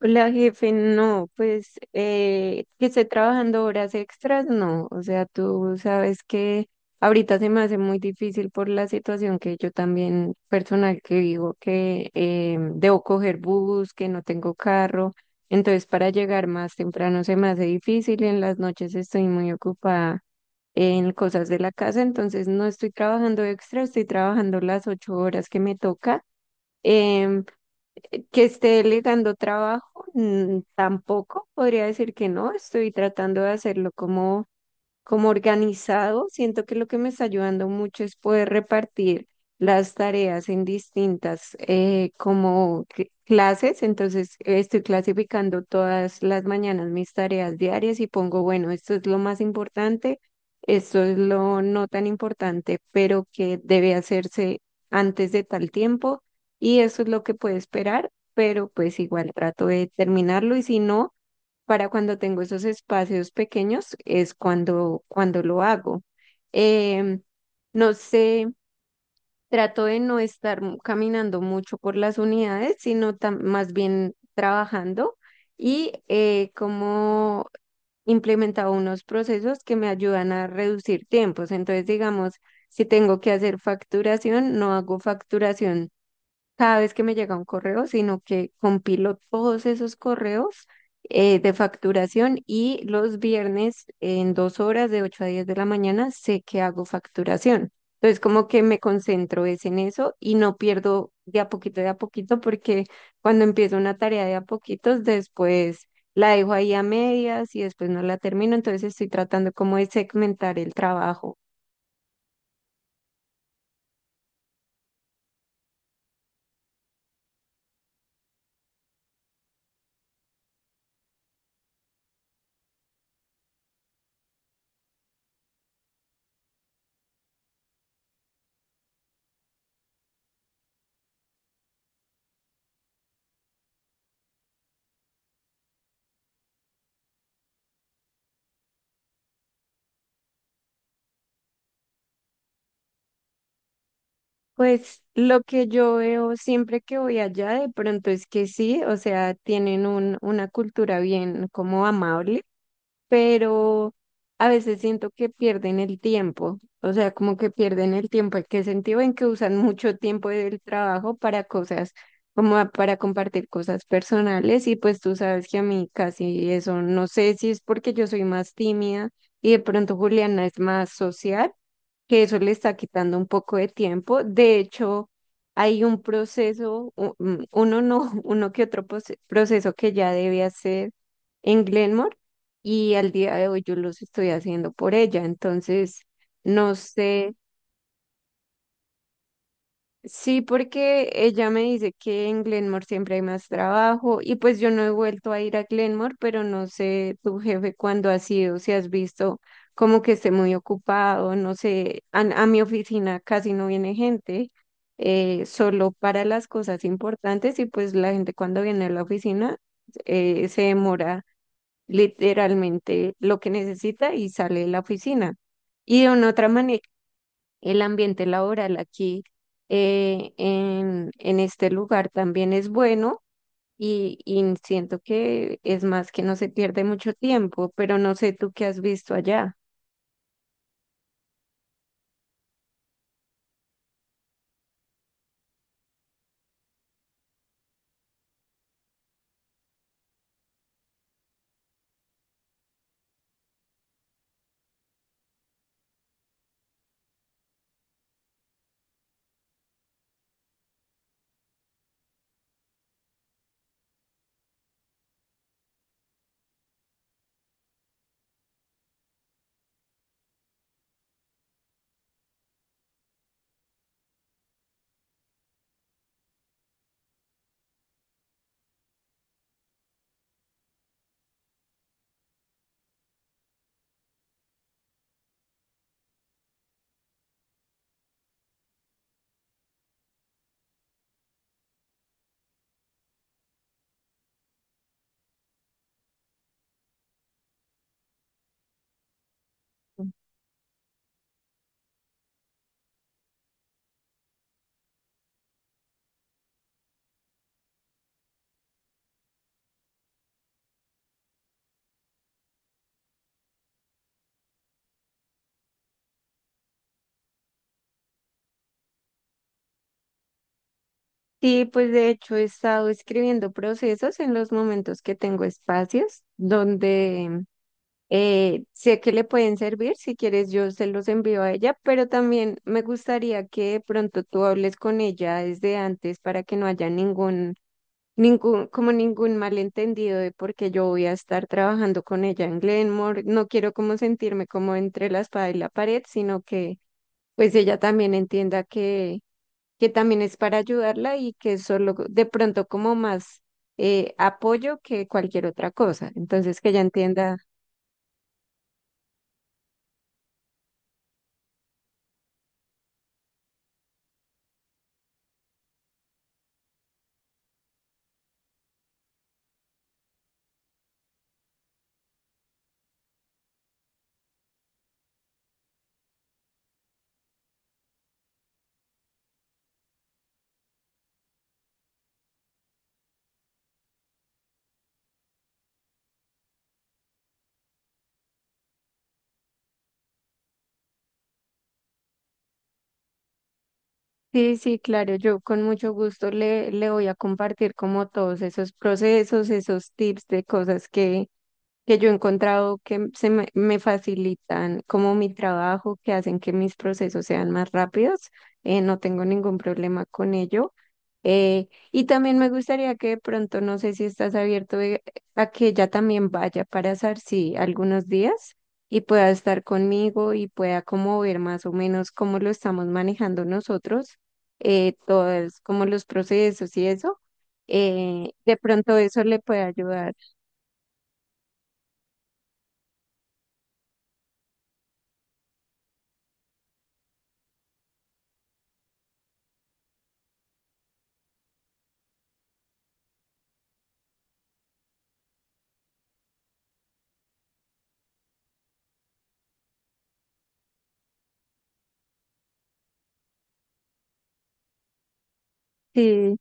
La jefe, no, pues que esté trabajando horas extras, no. O sea, tú sabes que ahorita se me hace muy difícil por la situación que yo también personal que digo que debo coger bus, que no tengo carro. Entonces, para llegar más temprano se me hace difícil. En las noches estoy muy ocupada en cosas de la casa, entonces no estoy trabajando extra, estoy trabajando las 8 horas que me toca. Em, que esté delegando trabajo, tampoco podría decir que no, estoy tratando de hacerlo como organizado, siento que lo que me está ayudando mucho es poder repartir las tareas en distintas como clases. Entonces, estoy clasificando todas las mañanas mis tareas diarias y pongo, bueno, esto es lo más importante, esto es lo no tan importante, pero que debe hacerse antes de tal tiempo y eso es lo que puede esperar, pero pues igual trato de terminarlo y si no para cuando tengo esos espacios pequeños es cuando lo hago. Em, no sé, trato de no estar caminando mucho por las unidades, sino más bien trabajando y como implementado unos procesos que me ayudan a reducir tiempos. Entonces, digamos, si tengo que hacer facturación, no hago facturación cada vez que me llega un correo, sino que compilo todos esos correos de facturación y los viernes en 2 horas de 8 a 10 de la mañana sé que hago facturación. Entonces como que me concentro es en eso y no pierdo de a poquito, porque cuando empiezo una tarea de a poquitos, después la dejo ahí a medias y después no la termino. Entonces estoy tratando como de segmentar el trabajo. Pues lo que yo veo siempre que voy allá de pronto es que sí, o sea, tienen una cultura bien como amable, pero a veces siento que pierden el tiempo, o sea, como que pierden el tiempo. ¿En qué sentido? En que usan mucho tiempo del trabajo para cosas, como para compartir cosas personales y pues tú sabes que a mí casi eso, no sé si es porque yo soy más tímida y de pronto Juliana es más social que eso le está quitando un poco de tiempo. De hecho, hay un proceso, uno no, uno que otro proceso que ya debe hacer en Glenmore y al día de hoy yo los estoy haciendo por ella. Entonces, no sé. Sí, porque ella me dice que en Glenmore siempre hay más trabajo y pues yo no he vuelto a ir a Glenmore, pero no sé tu jefe cuándo ha sido, si has visto como que esté muy ocupado, no sé, a mi oficina casi no viene gente, solo para las cosas importantes y pues la gente cuando viene a la oficina se demora literalmente lo que necesita y sale de la oficina. Y de una otra manera el ambiente laboral aquí en este lugar también es bueno y siento que es más que no se pierde mucho tiempo, pero no sé tú qué has visto allá. Sí, pues de hecho he estado escribiendo procesos en los momentos que tengo espacios donde sé que le pueden servir, si quieres yo se los envío a ella, pero también me gustaría que de pronto tú hables con ella desde antes para que no haya ningún ningún, como ningún malentendido de por qué yo voy a estar trabajando con ella en Glenmore. No quiero como sentirme como entre la espada y la pared, sino que pues ella también entienda que también es para ayudarla y que es solo de pronto como más apoyo que cualquier otra cosa. Entonces que ella entienda. Sí, sí, claro, yo con mucho gusto le voy a compartir como todos esos procesos, esos tips de cosas que yo he encontrado que se me facilitan como mi trabajo, que hacen que mis procesos sean más rápidos. No tengo ningún problema con ello. Y también me gustaría que de pronto, no sé si estás abierto a que ella también vaya para Sarsi algunos días y pueda estar conmigo y pueda como ver más o menos cómo lo estamos manejando nosotros, todos como los procesos y eso. De pronto eso le puede ayudar. Sí.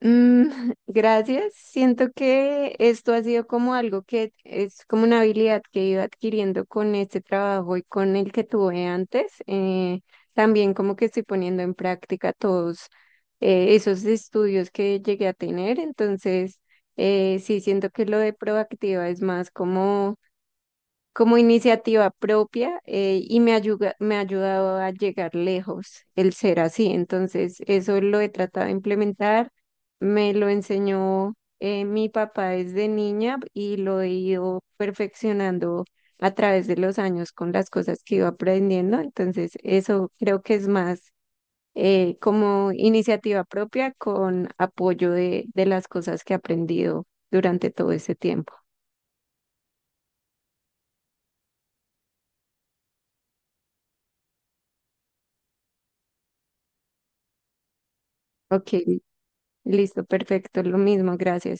Mm, gracias. Siento que esto ha sido como algo que es como una habilidad que he ido adquiriendo con este trabajo y con el que tuve antes. También como que estoy poniendo en práctica todos esos estudios que llegué a tener. Entonces, sí, siento que lo de proactiva es más como iniciativa propia y me ayuda, me ha ayudado a llegar lejos el ser así. Entonces, eso lo he tratado de implementar, me lo enseñó mi papá desde niña y lo he ido perfeccionando a través de los años con las cosas que iba aprendiendo. Entonces, eso creo que es más como iniciativa propia con apoyo de las cosas que he aprendido durante todo ese tiempo. Ok, listo, perfecto, lo mismo, gracias.